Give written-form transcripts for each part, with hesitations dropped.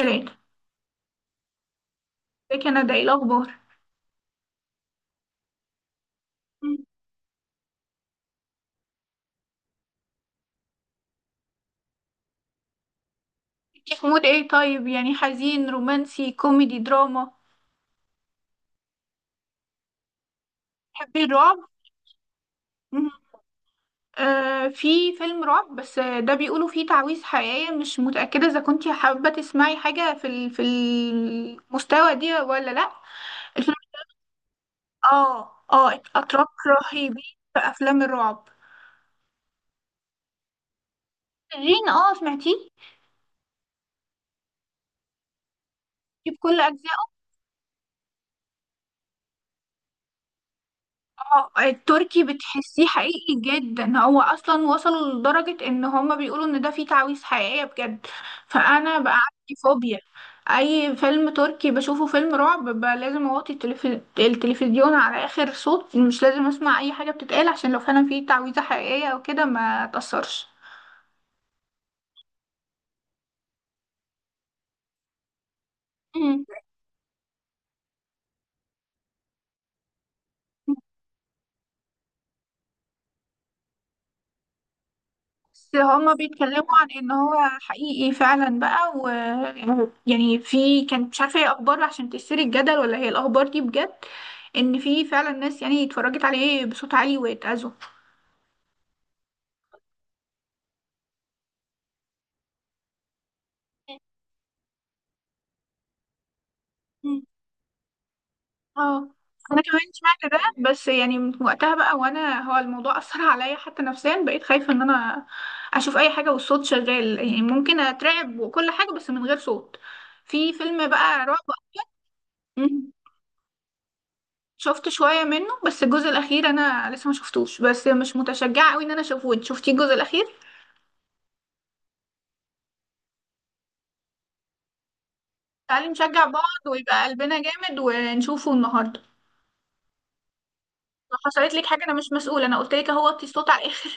ثلاثة. ازيك يا ندى، ايه الأخبار؟ مم. انتي في مود ايه، طيب؟ يعني حزين، رومانسي، كوميدي، دراما؟ تحبي الرعب؟ مم. آه، في فيلم رعب بس، ده بيقولوا فيه تعويذ حقيقية. مش متأكدة إذا كنتي حابة تسمعي حاجة في المستوى دي ولا لأ. الفيلم. اه، اه، أتراك رهيبين في أفلام الرعب. جين، سمعتيه؟ دي بكل أجزاء. اه، التركي بتحسيه حقيقي جدا، هو اصلا وصلوا لدرجة ان هما بيقولوا ان ده فيه تعويذ حقيقية بجد. فانا بقى عندي فوبيا. اي فيلم تركي بشوفه فيلم رعب بقى، لازم اوطي التلفزيون على اخر صوت، مش لازم اسمع اي حاجة بتتقال عشان لو فعلا فيه تعويذة حقيقية او كده ما تأثرش. مم. بس هما بيتكلموا عن ان هو حقيقي فعلا بقى، و يعني في كانت مش عارفه هي اخبار عشان تثير الجدل، ولا هي الاخبار دي بجد، ان في فعلا ناس يعني اتفرجت عليه بصوت عالي واتأذوا. مم. اه، انا كمان سمعت ده، بس يعني من وقتها بقى وانا، هو الموضوع اثر عليا حتى نفسيا. بقيت خايفه ان انا اشوف اي حاجه والصوت شغال، يعني ممكن اترعب وكل حاجه، بس من غير صوت. في فيلم بقى رعب. شفت شوية منه، بس الجزء الأخير أنا لسه ما شفتوش، بس مش متشجعة قوي إن أنا أشوفه. أنت شفتيه الجزء الأخير؟ تعالي نشجع بعض ويبقى قلبنا جامد ونشوفه النهاردة. لو حصلت لك حاجة أنا مش مسؤولة، أنا قلت لك أهو، وطي الصوت على الآخر.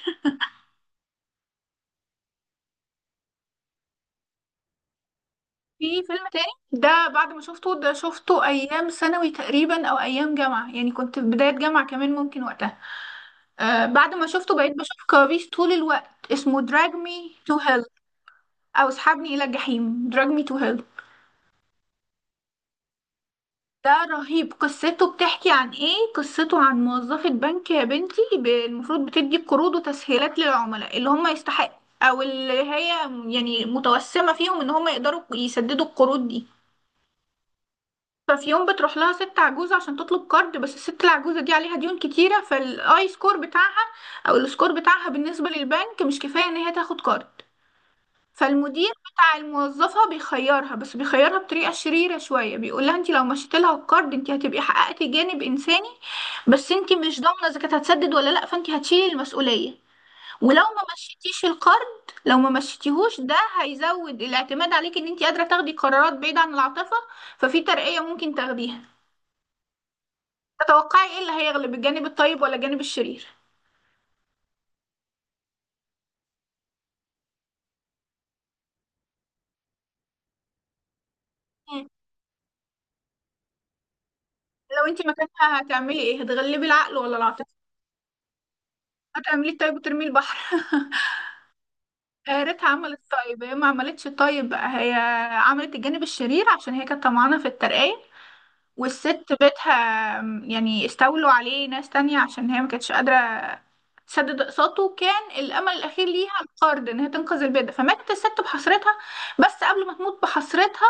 في فيلم تاني، ده بعد ما شفته، ده شفته أيام ثانوي تقريبا أو أيام جامعة، يعني كنت في بداية جامعة كمان ممكن وقتها. آه، بعد ما شفته بقيت بشوف كوابيس طول الوقت، اسمه دراج مي تو هيل. أو اسحبني إلى الجحيم، دراج مي تو هيل. ده رهيب. قصته بتحكي عن ايه؟ قصته عن موظفة بنك يا بنتي، المفروض بتدي قروض وتسهيلات للعملاء اللي هم يستحق او اللي هي يعني متوسمة فيهم ان هم يقدروا يسددوا القروض دي. ففي يوم بتروح لها ست عجوزة عشان تطلب كارد، بس الست العجوزة دي عليها ديون كتيرة، فالاي سكور بتاعها او السكور بتاعها بالنسبة للبنك مش كفاية ان هي تاخد كارد. فالمدير بتاع الموظفة بيخيرها، بس بيخيرها بطريقة شريرة شوية، بيقول لها انت لو مشيت لها الكارد انت هتبقي حققتي جانب انساني. بس انت مش ضامنة اذا كانت هتسدد ولا لا، فانت هتشيلي المسؤولية. ولو ما مشيتيش الكارد، لو ما مشيتيهوش ده هيزود الاعتماد عليك ان انت قادرة تاخدي قرارات بعيدة عن العاطفة. ففي ترقية ممكن تاخديها. تتوقعي ايه اللي هيغلب، الجانب الطيب ولا الجانب الشرير؟ مم. لو انت مكانها هتعملي ايه، هتغلبي العقل ولا العاطفة؟ هتعملي الطيب وترمي البحر؟ آه، ريتا عملت طيب. هي ما عملتش طيب بقى، هي عملت الجانب الشرير عشان هي كانت طمعانة في الترقية. والست بيتها، يعني استولوا عليه ناس تانية عشان هي ما كانتش قادرة تسدد اقساطه، وكان الامل الاخير ليها القرض ان هي تنقذ البيت ده. فماتت الست بحسرتها. بس قبل ما تموت بحسرتها،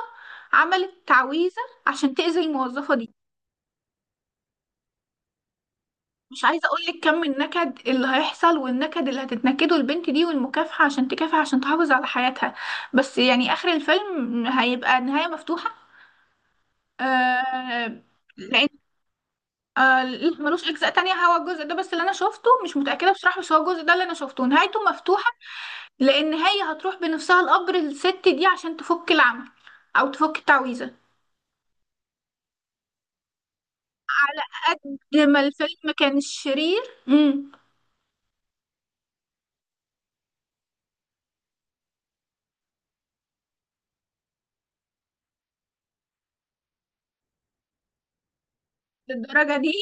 عملت تعويذة عشان تأذي الموظفة دي. مش عايزه اقول لك كم النكد اللي هيحصل، والنكد اللي هتتنكده البنت دي، والمكافحه، عشان تكافح عشان تحافظ على حياتها. بس يعني اخر الفيلم هيبقى نهايه مفتوحه. آه لان آه لا، ملوش اجزاء تانية. هو الجزء ده بس اللي انا شفته، مش متاكده بصراحه، بس هو الجزء ده اللي انا شفته نهايته مفتوحه. لان هي هتروح بنفسها القبر الست دي عشان تفك العمل، او تفك التعويذه. قد ما الفيلم كان شرير، امم. للدرجه دي؟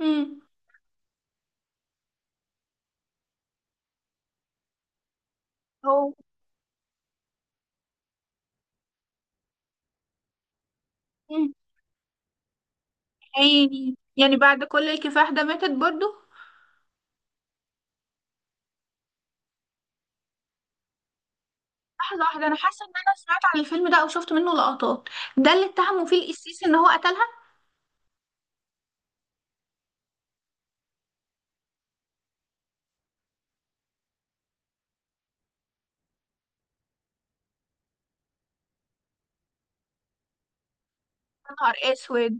امم. هو. مم. يعني بعد كل الكفاح ده ماتت برضو؟ لحظة واحدة، أنا حاسة إن أنا سمعت عن الفيلم ده أو شفت منه لقطات. ده اللي اتهموا فيه القسيس إن هو قتلها؟ يا نهار أسود!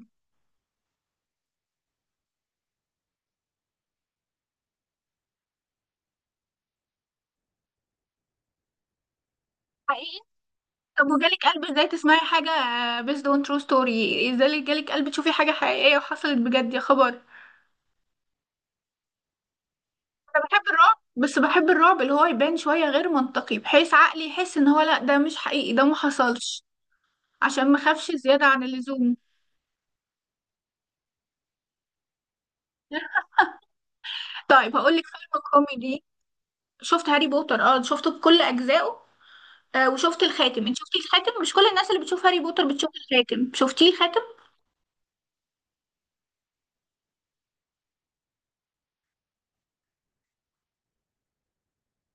حقيقي؟ طب وجالك قلب إزاي تسمعي حاجة based on true story؟ إزاي جالك قلب تشوفي حاجة حقيقية وحصلت بجد، يا خبر! أنا بحب الرعب، بس بحب الرعب اللي هو يبان شوية غير منطقي، بحيث عقلي يحس إن هو لأ، ده مش حقيقي، ده محصلش. عشان مخافش زيادة عن اللزوم. طيب هقول لك فيلم كوميدي. شفت هاري بوتر، اه، شفته بكل اجزائه. آه، وشفت الخاتم. انت شفتي الخاتم؟ مش كل الناس اللي بتشوف هاري بوتر بتشوف الخاتم. شفتيه الخاتم؟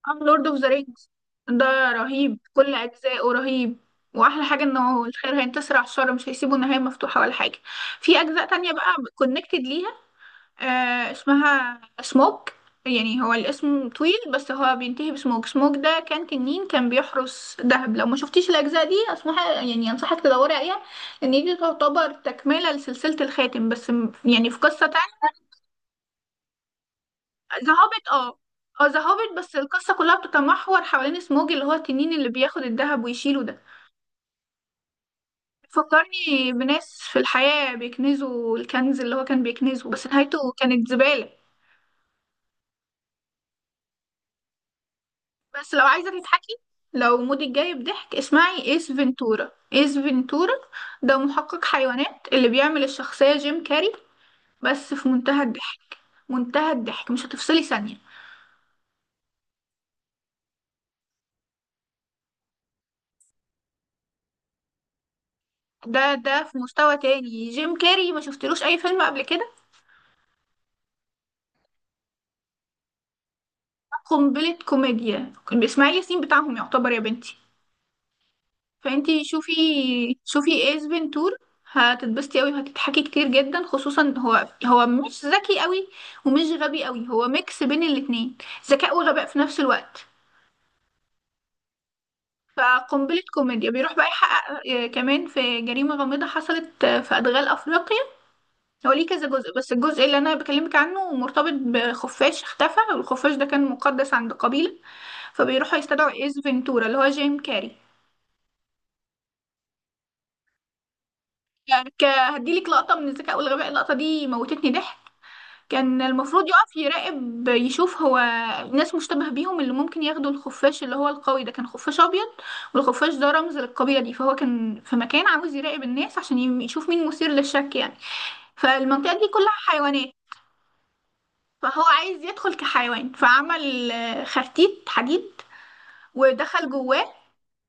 اه، لورد اوف ذا رينجز. ده رهيب، كل اجزائه رهيب. واحلى حاجه انه الخير هينتصر على الشر، مش هيسيبوا النهايه مفتوحه ولا حاجه. في اجزاء تانية بقى كونكتد ليها. آه، اسمها سموك. يعني هو الاسم طويل، بس هو بينتهي بسموك. سموك ده كان تنين، كان بيحرس دهب. لو ما شفتيش الاجزاء دي، اسمها يعني، انصحك تدوري عليها. ان دي تعتبر تكمله لسلسله الخاتم، بس يعني في قصه. ذا هوبيت، اه. اه، ذا هوبيت، بس القصة كلها بتتمحور حوالين سموج اللي هو التنين اللي بياخد الذهب ويشيله ده. فكرني بناس في الحياة بيكنزوا الكنز اللي هو كان بيكنزه، بس نهايته كانت زبالة. بس لو عايزة تضحكي، لو مودك جاي بضحك، اسمعي ايس فينتورا، ايس فينتورا. ده محقق حيوانات، اللي بيعمل الشخصية جيم كاري. بس في منتهى الضحك. منتهى الضحك، مش هتفصلي ثانية. ده في مستوى تاني، جيم كاري ما شفتلوش اي فيلم قبل كده. قنبلة كوميديا، اسماعيل ياسين بتاعهم يعتبر يا بنتي. فانتي شوفي. شوفي ايس فنتور. هتتبسطي قوي وهتضحكي كتير جدا، خصوصا هو مش ذكي قوي، ومش غبي قوي، هو ميكس بين الاتنين. ذكاء وغباء في نفس الوقت. فقنبلة كوميديا، بيروح بقى يحقق كمان في جريمة غامضة حصلت في أدغال أفريقيا. هو ليه كذا جزء، بس الجزء اللي أنا بكلمك عنه مرتبط بخفاش اختفى، والخفاش ده كان مقدس عند قبيلة. فبيروحوا يستدعوا إيس فنتورا اللي هو جيم كاري. يعني هديلك لقطة من الذكاء والغباء. اللقطة دي موتتني ضحك. كان المفروض يقف يراقب، يشوف هو ناس مشتبه بيهم اللي ممكن ياخدوا الخفاش، اللي هو القوي. ده كان خفاش أبيض، والخفاش ده رمز للقبيلة دي، فهو كان في مكان عاوز يراقب الناس عشان يشوف مين مثير للشك يعني. فالمنطقة دي كلها حيوانات. فهو عايز يدخل كحيوان، فعمل خرتيت حديد ودخل جواه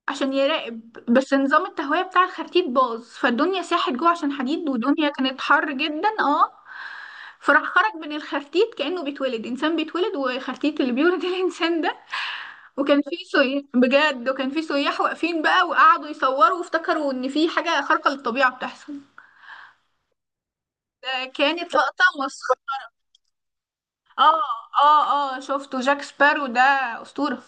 عشان يراقب. بس نظام التهوية بتاع الخرتيت باظ، فالدنيا ساحت جوه عشان حديد، والدنيا كانت حر جدا، اه. فراح خرج من الخفتيت، كأنه بيتولد إنسان بيتولد وخفتيت اللي بيولد الإنسان ده. وكان في سياح بجد، وكان في سياح واقفين بقى، وقعدوا يصوروا وافتكروا إن في حاجة خارقة للطبيعة بتحصل. ده كانت لقطة مسخرة. اه. اه، اه، شفته جاك سبارو ده. أسطورة.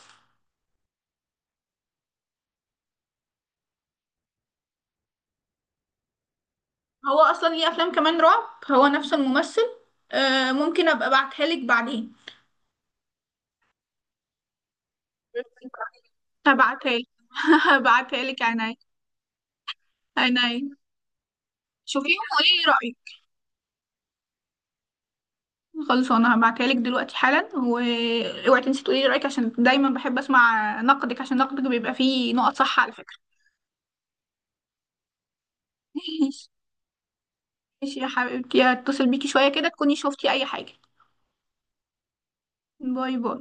هو أصلا ليه أفلام كمان رعب، هو نفس الممثل. آه، ممكن أبقى أبعتها لك بعدين. هبعتها لك هبعتها لك، عيني. عيني. شوفيهم وقولي لي رأيك. خلاص، انا هبعتها لك دلوقتي حالا، واوعي تنسي تقولي لي رايك، عشان دايما بحب اسمع نقدك، عشان نقدك بيبقى فيه نقط صح على فكره. ماشي. ماشي يا حبيبتي، هتصل بيكي شويه كده تكوني شفتي اي حاجه. باي باي.